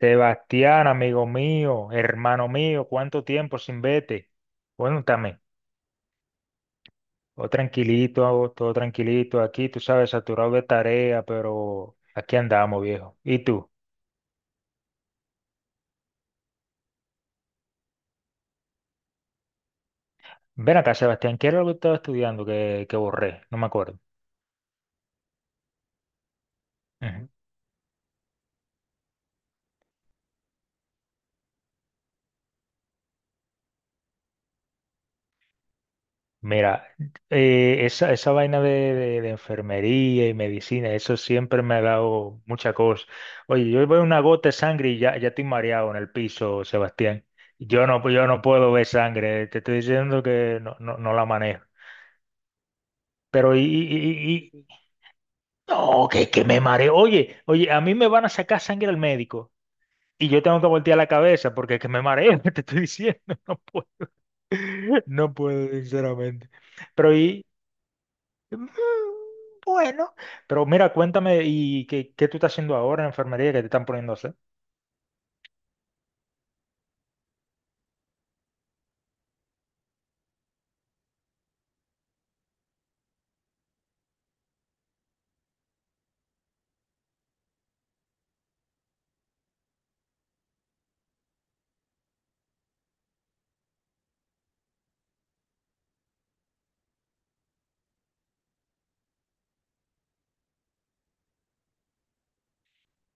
Sebastián, amigo mío, hermano mío, ¿cuánto tiempo sin vete? Bueno, también, todo tranquilito aquí, tú sabes, saturado de tarea, pero aquí andamos, viejo. ¿Y tú? Ven acá, Sebastián, ¿qué era lo que estaba estudiando que borré? No me acuerdo. Mira, esa vaina de enfermería y medicina, eso siempre me ha dado mucha cosa. Oye, yo veo una gota de sangre y ya estoy mareado en el piso, Sebastián. Yo no puedo ver sangre, te estoy diciendo que no, no, no la manejo. Pero y- no, que me mareo. Oye, oye, a mí me van a sacar sangre al médico y yo tengo que voltear la cabeza porque es que me mareo, te estoy diciendo, no puedo, no puedo, sinceramente. Pero y... Mm. Bueno, pero mira, cuéntame, ¿y qué tú estás haciendo ahora en enfermería que te están poniendo a hacer?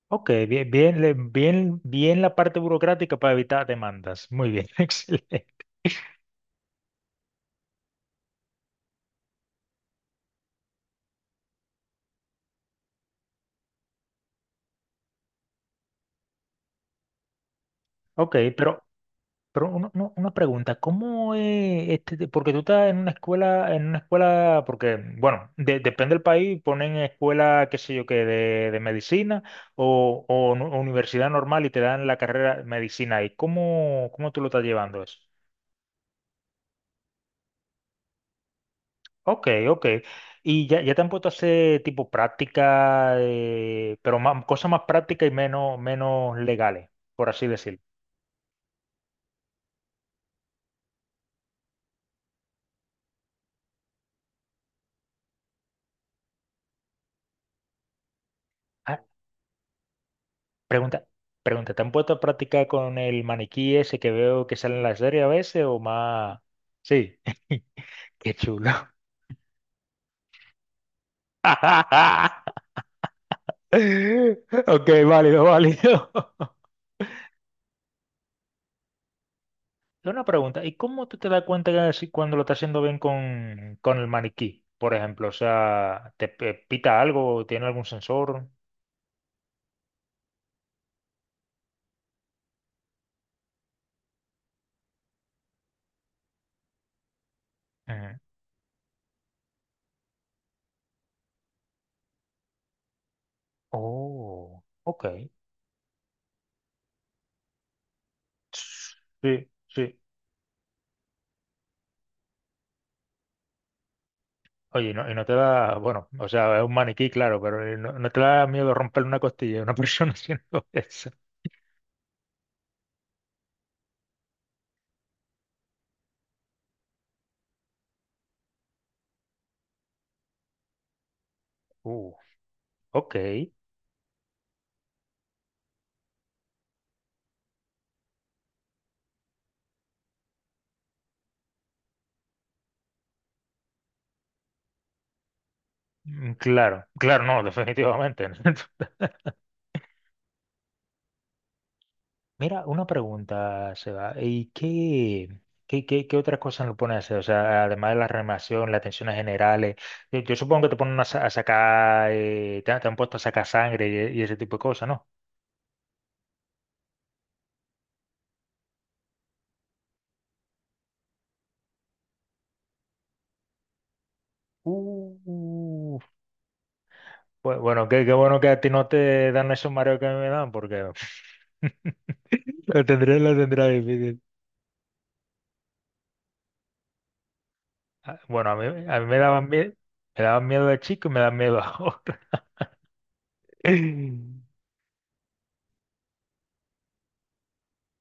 Ok, bien la parte burocrática para evitar demandas. Muy bien, excelente. Ok, pero, pero una pregunta, ¿cómo es este, de- porque tú estás en una escuela, porque, bueno, de- depende del país, ponen escuela, qué sé yo, que de medicina o nu- universidad normal y te dan la carrera de medicina ahí. ¿Cómo, cómo tú lo estás llevando eso? Ok, ok. Y ya te han puesto a hacer tipo práctica, pero más, cosas más prácticas y menos, menos legales, por así decirlo. Ah, pregunta, pregunta, ¿te han puesto a practicar con el maniquí ese que veo que sale en la serie a veces o más? Sí. Qué chulo. Ok, válido, válido. Yo una pregunta, ¿y cómo tú te das cuenta que si- cuando lo estás haciendo bien con el maniquí, por ejemplo? O sea, ¿te pe- pita algo? ¿Tiene algún sensor? Ujú. Oh, ok. Sí, sí. Oye, y no te da, bueno, o sea, es un maniquí, claro, pero no, no te da miedo romperle una costilla a una persona haciendo eso. Uh, ok. Mm. Claro, claro, no, definitivamente. Mira, una pregunta, Seba. ¿Y qué otras cosas lo ponen a hacer? O sea, además de la reanimación, las tensiones generales. Yo supongo que te ponen a, sa- a sacar, han te han puesto a sacar sangre y ese tipo de cosas, ¿no? Uh, pues bueno, qué, qué bueno que a ti no te dan esos mareos que a mí me dan, porque lo tendré difícil. Ah. Bueno, a mí me daban miedo de chico y me dan miedo ahora.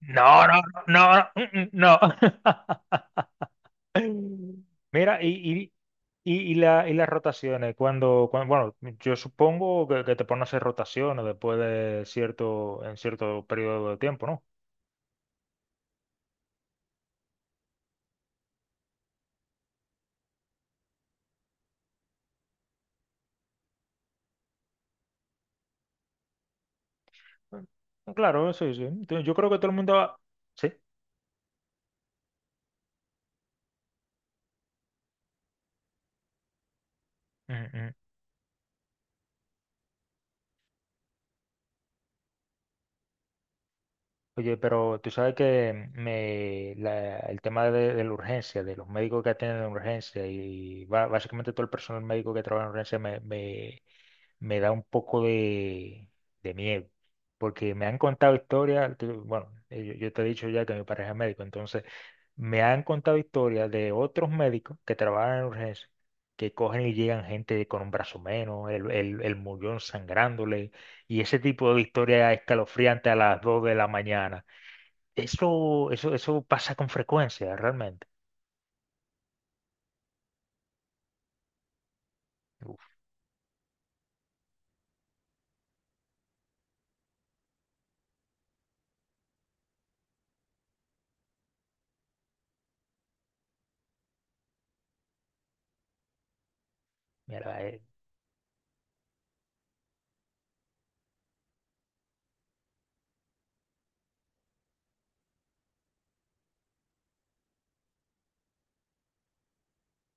No, no, no, no, no. No. Mira, y la, y las rotaciones, cuando, cuan- bueno, yo supongo que te ponen a hacer rotaciones después de cierto, en cierto periodo de tiempo, ¿no? Mm. Claro, sí, sí. Entonces, yo creo que todo el mundo va- Sí. Mm, mm. Oye, pero tú sabes que me, la- el tema de la urgencia, de los médicos que atienden urgencia y ba- básicamente todo el personal médico que trabaja en urgencia me da un poco de miedo, porque me han contado historias, te- bueno, yo te he dicho ya que mi pareja es médico, entonces me han contado historias de otros médicos que trabajan en urgencias, que cogen y llegan gente con un brazo menos, el muñón sangrándole, y ese tipo de historias escalofriante a las 2 de la mañana. Eso pasa con frecuencia, realmente. Uf, mierda.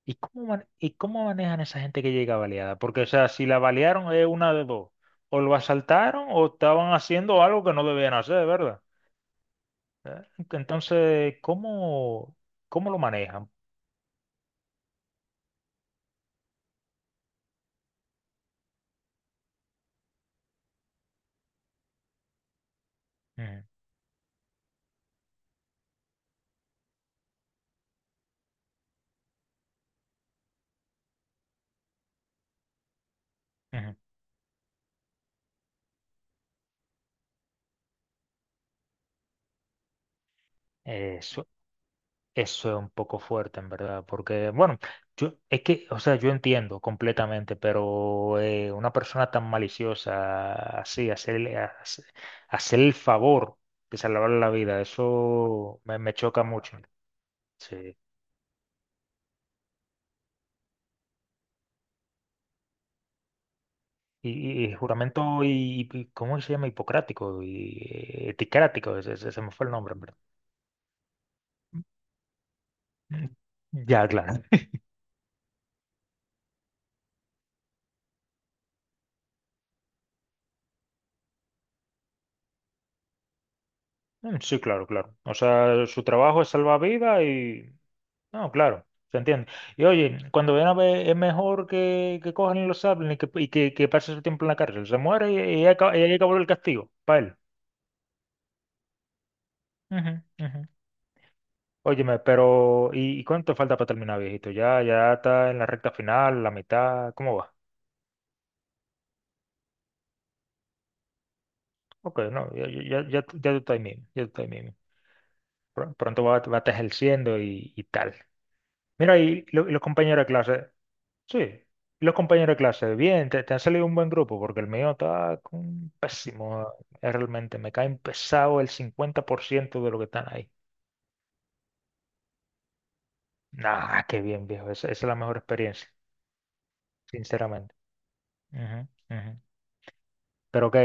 ¿Y cómo, man- y cómo manejan esa gente que llega baleada? Porque, o sea, si la balearon es una de dos. O lo asaltaron o estaban haciendo algo que no debían hacer, ¿verdad? ¿Eh? Entonces, ¿cómo, cómo lo manejan? Ujú, ujú. Eso, eso es un poco fuerte, en verdad, porque, bueno, yo, es que, o sea, yo entiendo completamente, pero una persona tan maliciosa, así, hacer el favor de salvarle la vida, me choca mucho. Sí. Y juramento, ¿cómo se llama? Hipocrático y eticrático, me fue el nombre, en verdad. Mm. Ya, claro. Mm. Sí, claro, claro. O sea, su trabajo es salvar vidas y... No, claro, se entiende. Y oye, cuando ven a ver, es mejor que cojan y lo saben y que pase su tiempo en la cárcel. Se muere y ya acaba- y ahí acabó el castigo, para él. Ujú, ujú. Óyeme, pero y cuánto falta para terminar, viejito? Ya, ya está en la recta final, la mitad, ¿cómo va? Ok, no, ya tú ya estás ahí mismo, ya tú estás ahí mismo. Pr- Pronto va, va a estar ejerciendo y tal. Mira, y lo- los compañeros de clase, sí, los compañeros de clase, bien, te han salido un buen grupo, porque el mío está con- pésimo, realmente, me caen pesado el 50% de lo que están ahí. Nah, qué bien, viejo, esa es la mejor experiencia, sinceramente. Ujú, ujú. Pero que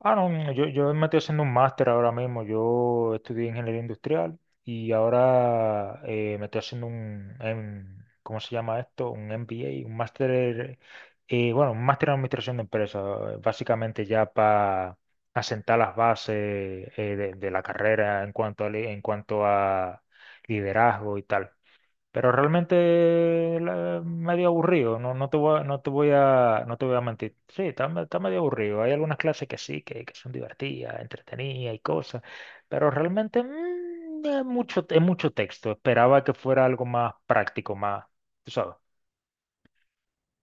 Ah, no, no, yo me estoy haciendo un máster ahora mismo. Yo estudié ingeniería industrial y ahora me estoy haciendo un, ¿cómo se llama esto? Un MBA, un máster, bueno, un máster en administración de empresas, básicamente ya para asentar las bases de la carrera en cuanto a, li- en cuanto a liderazgo y tal. Pero realmente la- medio aburrido, no, no te voy a mentir. Sí, está medio aburrido. Hay algunas clases que sí, que son divertidas, entretenidas y cosas, pero realmente es mucho texto. Esperaba que fuera algo más práctico, más, tú sabes.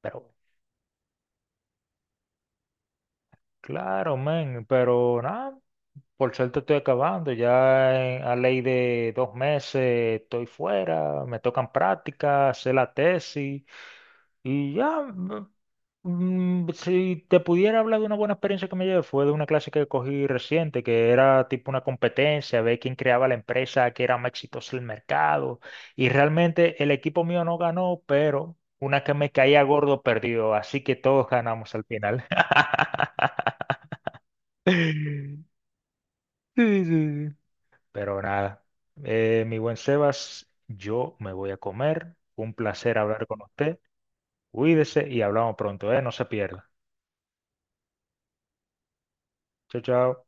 Pero claro, men, pero nada, por suerte estoy acabando. Ya en- a ley de 2 meses estoy fuera, me tocan prácticas, hacer la tesis. Y ya, b- si te pudiera hablar de una buena experiencia que me llevé, fue de una clase que cogí reciente, que era tipo una competencia, ver quién creaba la empresa que era más exitosa del mercado. Y realmente el equipo mío no ganó, pero una que me caía gordo perdió, así que todos ganamos al final. Sí, sí, sí. Pero nada, mi buen Sebas, yo me voy a comer. Un placer hablar con usted. Cuídese y hablamos pronto, ¿eh? No se pierda. Chao, chao.